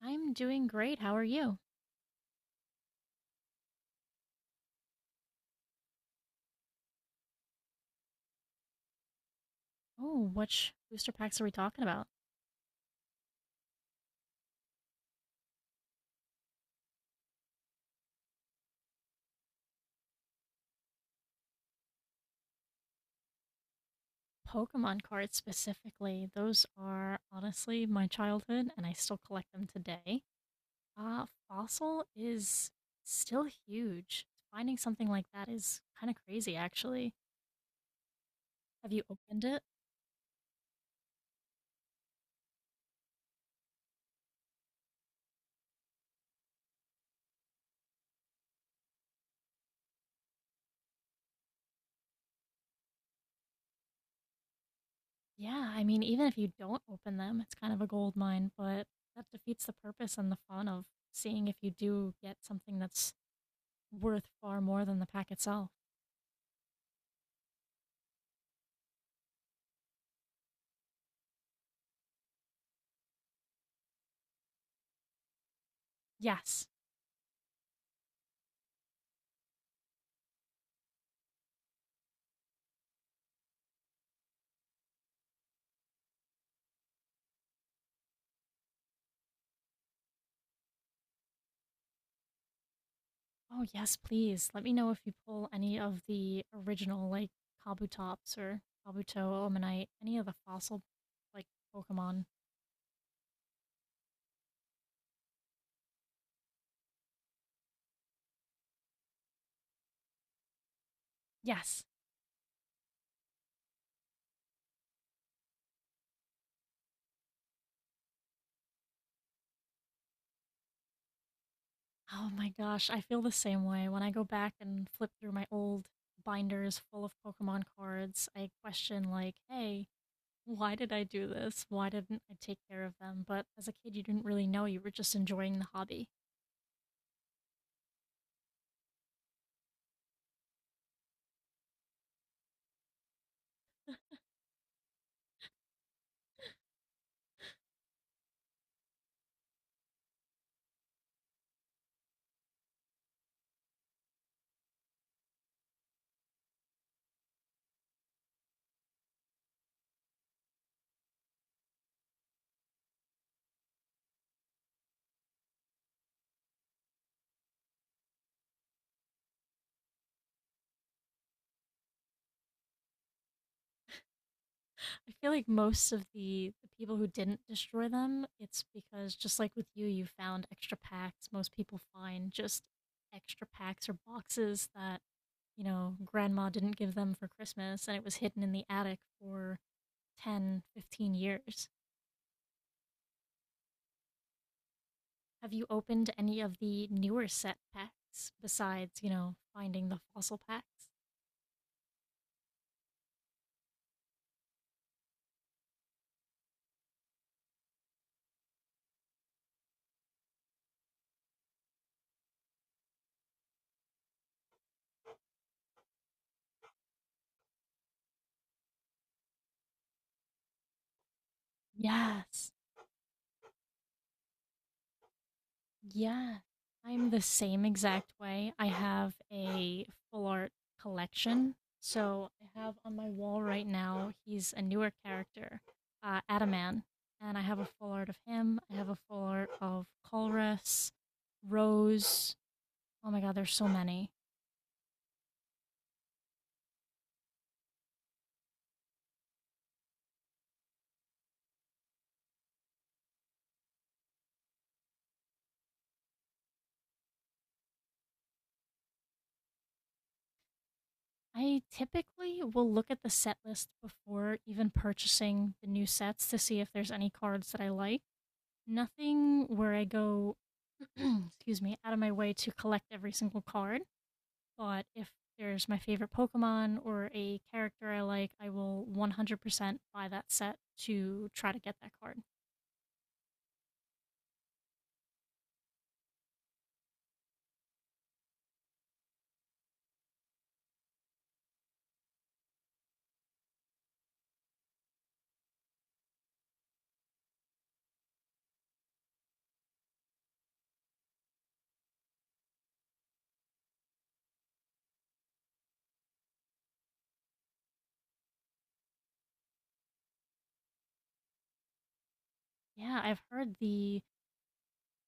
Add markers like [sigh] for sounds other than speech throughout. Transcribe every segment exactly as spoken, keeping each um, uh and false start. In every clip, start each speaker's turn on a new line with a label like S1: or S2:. S1: I'm doing great. How are you? Oh, which booster packs are we talking about? Pokemon cards specifically. Those are honestly my childhood, and I still collect them today. Uh, Fossil is still huge. Finding something like that is kind of crazy, actually. Have you opened it? Yeah, I mean, even if you don't open them, it's kind of a gold mine, but that defeats the purpose and the fun of seeing if you do get something that's worth far more than the pack itself. Yes. Oh, yes, please. Let me know if you pull any of the original, like Kabutops or Kabuto, Omanite, any of the fossil, like Pokemon. Yes. Oh my gosh, I feel the same way. When I go back and flip through my old binders full of Pokemon cards, I question, like, hey, why did I do this? Why didn't I take care of them? But as a kid, you didn't really know. You were just enjoying the hobby. I feel like most of the, the people who didn't destroy them, it's because just like with you, you found extra packs. Most people find just extra packs or boxes that, you know, grandma didn't give them for Christmas and it was hidden in the attic for ten, fifteen years. Have you opened any of the newer set packs besides, you know, finding the fossil packs? Yes. Yeah, I'm the same exact way. I have a full art collection. So I have on my wall right now, he's a newer character, uh, Adaman. And I have a full art of him. I have a full art of Colress, Rose. Oh my God, there's so many. I typically will look at the set list before even purchasing the new sets to see if there's any cards that I like. Nothing where I go, [clears throat] excuse me, out of my way to collect every single card. But if there's my favorite Pokemon or a character I like, I will one hundred percent buy that set to try to get that card. Yeah, I've heard the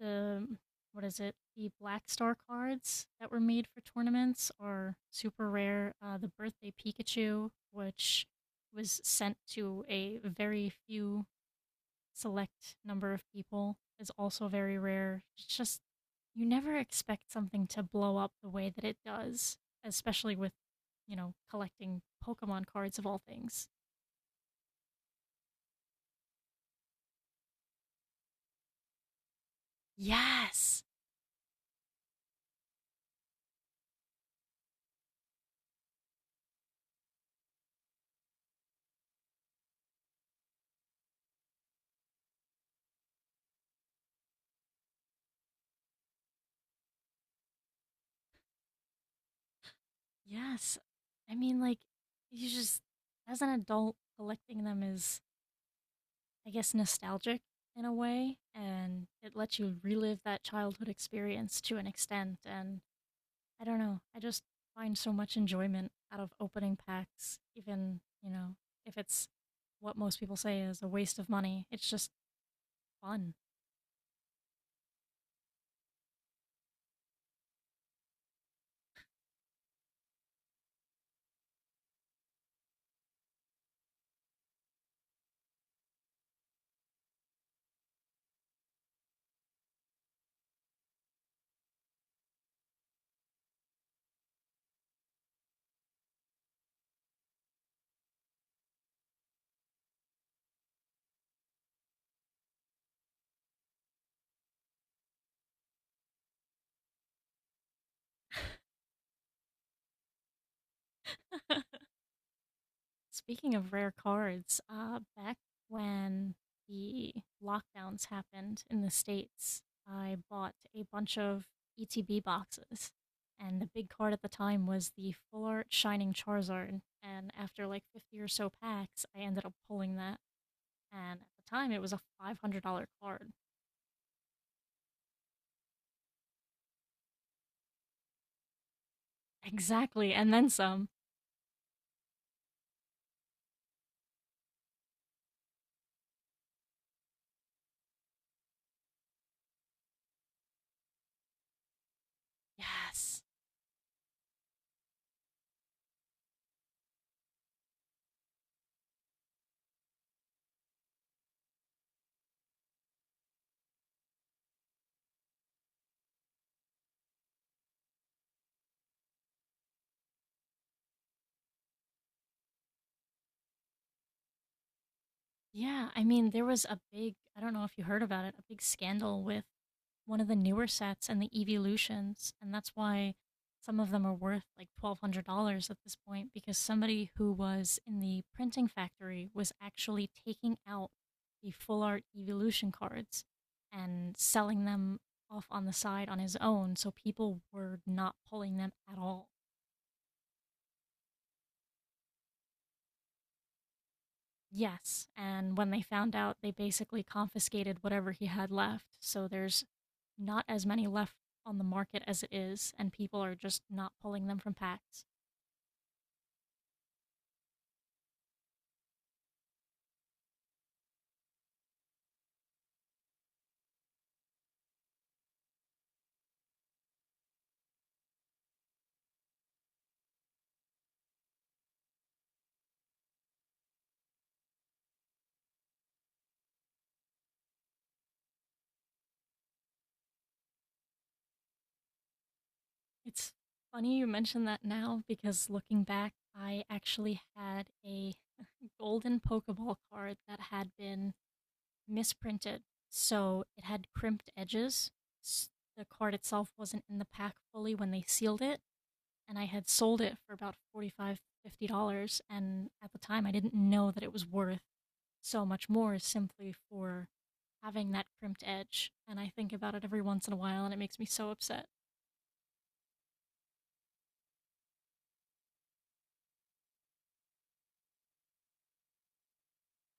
S1: the what is it? The Black Star cards that were made for tournaments are super rare. Uh, the Birthday Pikachu, which was sent to a very few select number of people is also very rare. It's just you never expect something to blow up the way that it does, especially with, you know, collecting Pokemon cards of all things. Yes. Yes. I mean, like, you just as an adult collecting them is I guess nostalgic in a way and it lets you relive that childhood experience to an extent and I don't know. I just find so much enjoyment out of opening packs, even, you know, if it's what most people say is a waste of money. It's just fun. [laughs] Speaking of rare cards, uh, back when the lockdowns happened in the States, I bought a bunch of E T B boxes. And the big card at the time was the Full Art Shining Charizard. And after like fifty or so packs, I ended up pulling that. And at the time, it was a five hundred dollar card. Exactly, and then some. Yes. Yeah, I mean, there was a big, I don't know if you heard about it, a big scandal with one of the newer sets and the Evolutions, and that's why some of them are worth like twelve hundred dollars at this point because somebody who was in the printing factory was actually taking out the full art Evolution cards and selling them off on the side on his own, so people were not pulling them at all. Yes, and when they found out, they basically confiscated whatever he had left. So there's not as many left on the market as it is, and people are just not pulling them from packs. It's funny you mention that now because looking back, I actually had a [laughs] golden Pokeball card that had been misprinted. So it had crimped edges. S- The card itself wasn't in the pack fully when they sealed it, and I had sold it for about 45 dollars, fifty dollars, and at the time I didn't know that it was worth so much more simply for having that crimped edge. And I think about it every once in a while, and it makes me so upset.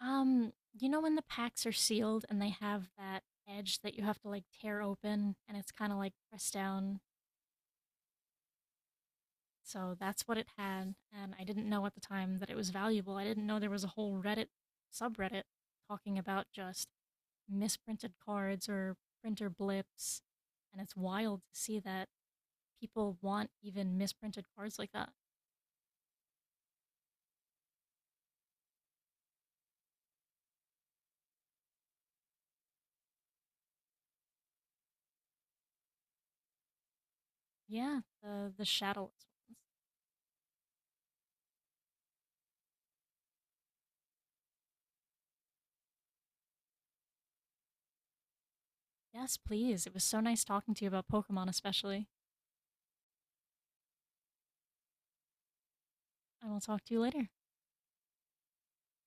S1: Um, you know when the packs are sealed and they have that edge that you have to like tear open, and it's kind of like pressed down. So that's what it had, and I didn't know at the time that it was valuable. I didn't know there was a whole Reddit subreddit talking about just misprinted cards or printer blips. And it's wild to see that people want even misprinted cards like that. Yeah, the the shadowless ones. Yes, please. It was so nice talking to you about Pokemon especially. I will talk to you later.